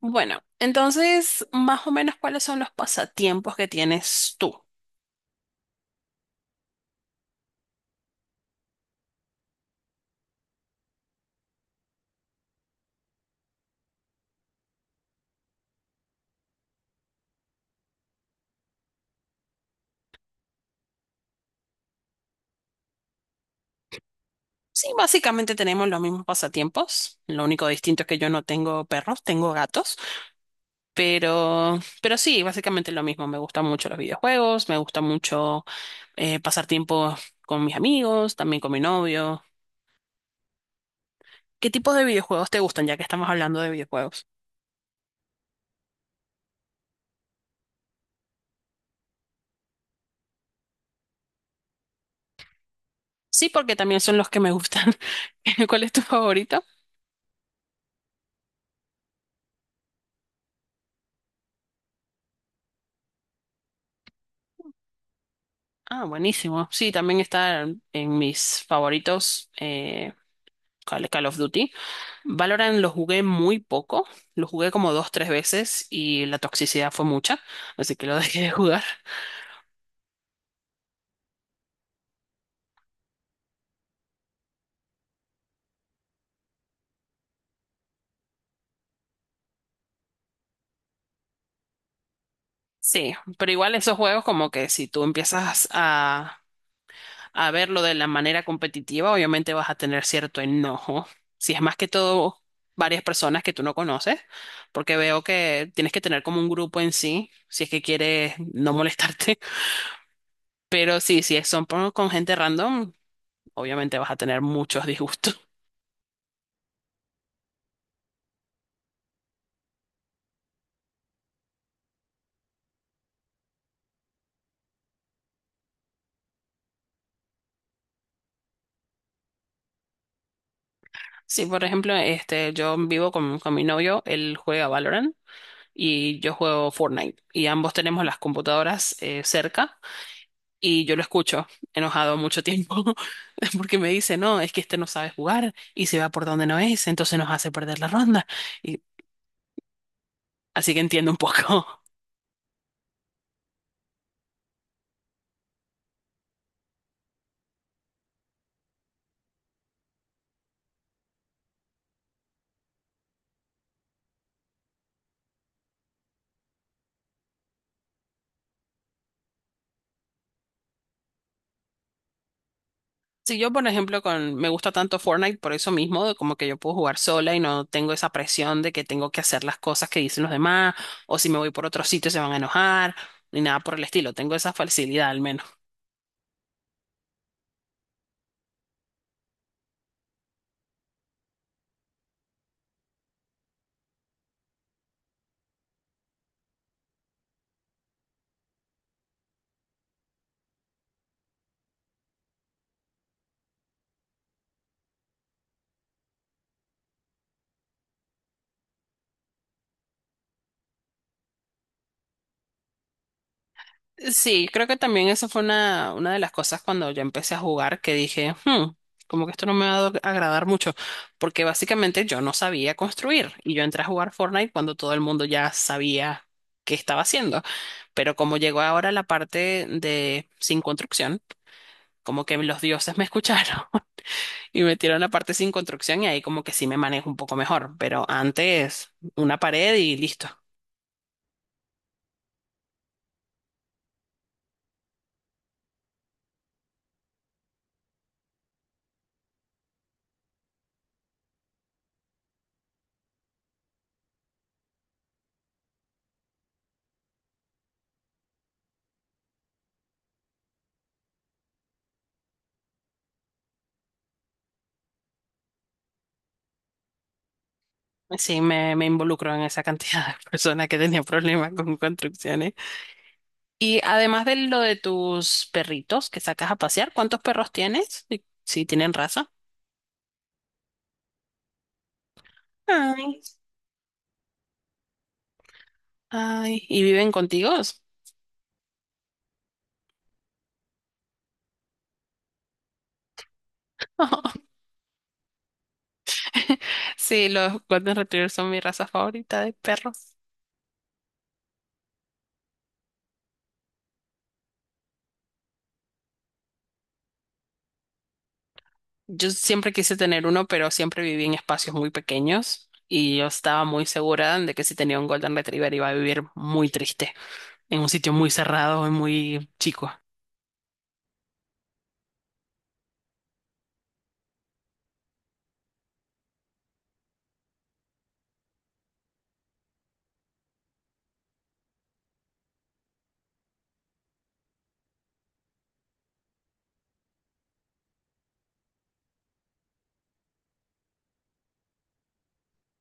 Bueno, entonces, más o menos, ¿cuáles son los pasatiempos que tienes tú? Sí, básicamente tenemos los mismos pasatiempos. Lo único distinto es que yo no tengo perros, tengo gatos. Pero sí, básicamente lo mismo. Me gustan mucho los videojuegos, me gusta mucho pasar tiempo con mis amigos, también con mi novio. ¿Qué tipo de videojuegos te gustan, ya que estamos hablando de videojuegos? Sí, porque también son los que me gustan. ¿Cuál es tu favorito? Ah, buenísimo. Sí, también está en mis favoritos. Call of Duty. Valorant lo jugué muy poco, lo jugué como dos, tres veces y la toxicidad fue mucha, así que lo dejé de jugar. Sí, pero igual esos juegos como que si tú empiezas a verlo de la manera competitiva, obviamente vas a tener cierto enojo. Si es más que todo varias personas que tú no conoces, porque veo que tienes que tener como un grupo en sí, si es que quieres no molestarte. Pero sí, si son con gente random, obviamente vas a tener muchos disgustos. Sí, por ejemplo, este, yo vivo con mi novio, él juega Valorant y yo juego Fortnite y ambos tenemos las computadoras cerca y yo lo escucho enojado mucho tiempo porque me dice, no, es que este no sabe jugar y se va por donde no es, entonces nos hace perder la ronda y así que entiendo un poco. Si yo, por ejemplo, con me gusta tanto Fortnite por eso mismo, de como que yo puedo jugar sola y no tengo esa presión de que tengo que hacer las cosas que dicen los demás, o si me voy por otro sitio se van a enojar, ni nada por el estilo. Tengo esa facilidad al menos. Sí, creo que también esa fue una de las cosas cuando yo empecé a jugar que dije, "Hmm, como que esto no me va a agradar mucho, porque básicamente yo no sabía construir y yo entré a jugar Fortnite cuando todo el mundo ya sabía qué estaba haciendo. Pero como llegó ahora la parte de sin construcción, como que los dioses me escucharon y metieron la parte sin construcción y ahí como que sí me manejo un poco mejor, pero antes una pared y listo. Sí, me involucro en esa cantidad de personas que tenían problemas con construcciones. Y además de lo de tus perritos que sacas a pasear, ¿cuántos perros tienes? Y si tienen raza. Ay, ay, ¿y viven contigo? Sí, los Golden Retrievers son mi raza favorita de perros. Yo siempre quise tener uno, pero siempre viví en espacios muy pequeños y yo estaba muy segura de que si tenía un Golden Retriever iba a vivir muy triste, en un sitio muy cerrado y muy chico.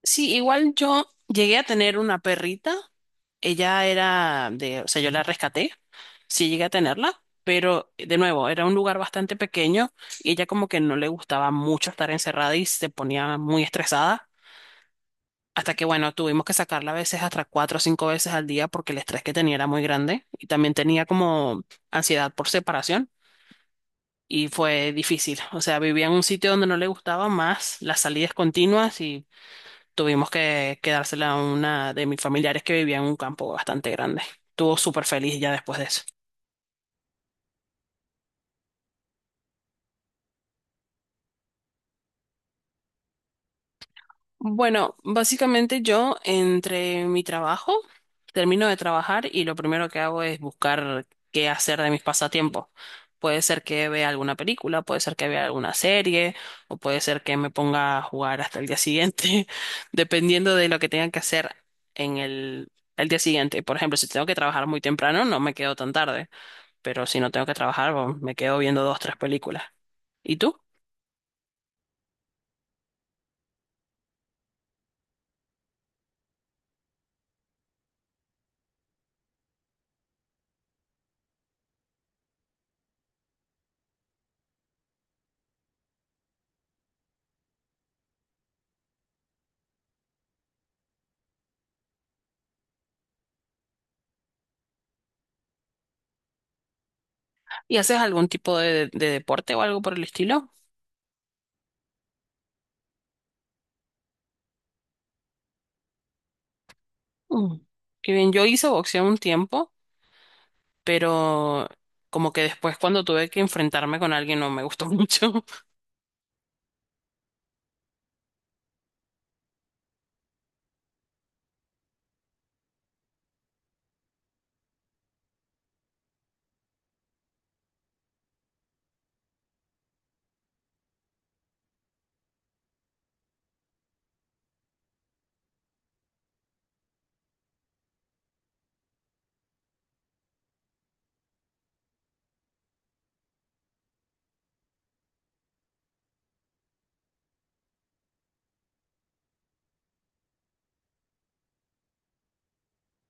Sí, igual yo llegué a tener una perrita, ella era de, o sea, yo la rescaté, sí llegué a tenerla, pero de nuevo, era un lugar bastante pequeño y ella como que no le gustaba mucho estar encerrada y se ponía muy estresada. Hasta que, bueno, tuvimos que sacarla a veces hasta 4 o 5 veces al día porque el estrés que tenía era muy grande y también tenía como ansiedad por separación y fue difícil. O sea, vivía en un sitio donde no le gustaba más las salidas continuas y tuvimos que quedársela a una de mis familiares que vivía en un campo bastante grande. Estuvo súper feliz ya después de eso. Bueno, básicamente yo entre mi trabajo, termino de trabajar y lo primero que hago es buscar qué hacer de mis pasatiempos. Puede ser que vea alguna película, puede ser que vea alguna serie, o puede ser que me ponga a jugar hasta el día siguiente, dependiendo de lo que tenga que hacer en el día siguiente. Por ejemplo, si tengo que trabajar muy temprano, no me quedo tan tarde, pero si no tengo que trabajar, bueno, me quedo viendo dos, tres películas. ¿Y tú? ¿Y haces algún tipo de deporte o algo por el estilo? Mm. Qué bien, yo hice boxeo un tiempo, pero como que después cuando tuve que enfrentarme con alguien no me gustó mucho.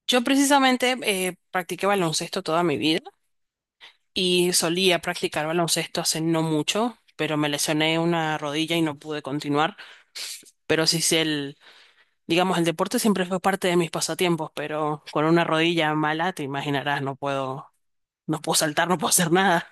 Yo precisamente practiqué baloncesto toda mi vida y solía practicar baloncesto hace no mucho, pero me lesioné una rodilla y no pude continuar. Pero sí sé el, digamos, el deporte siempre fue parte de mis pasatiempos, pero con una rodilla mala, te imaginarás, no puedo, no puedo saltar, no puedo hacer nada.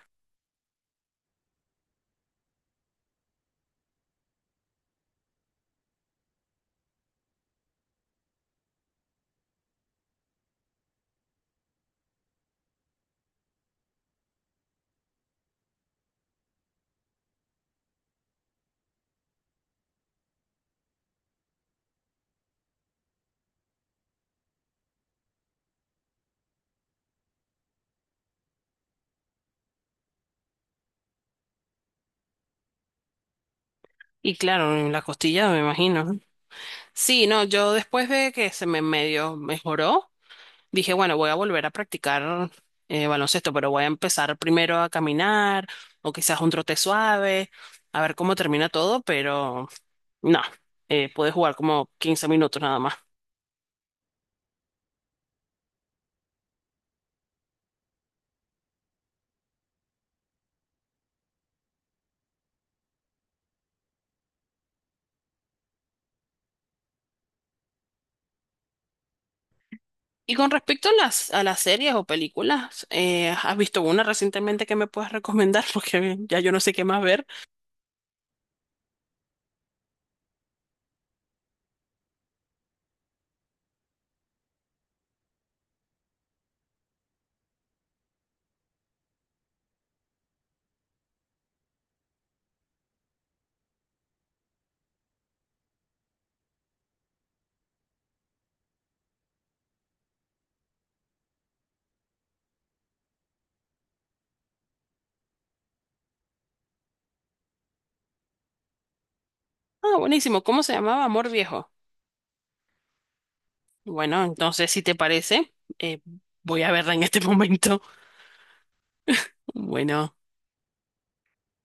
Y claro, en la costilla, me imagino. Sí, no, yo después de que se me medio mejoró, dije, bueno, voy a volver a practicar baloncesto, pero voy a empezar primero a caminar o quizás un trote suave, a ver cómo termina todo, pero no, pude jugar como 15 minutos nada más. Y con respecto a a las series o películas, ¿has visto una recientemente que me puedas recomendar? Porque ya yo no sé qué más ver. Ah, buenísimo, ¿cómo se llamaba? Amor Viejo. Bueno, entonces, si te parece, voy a verla en este momento. Bueno.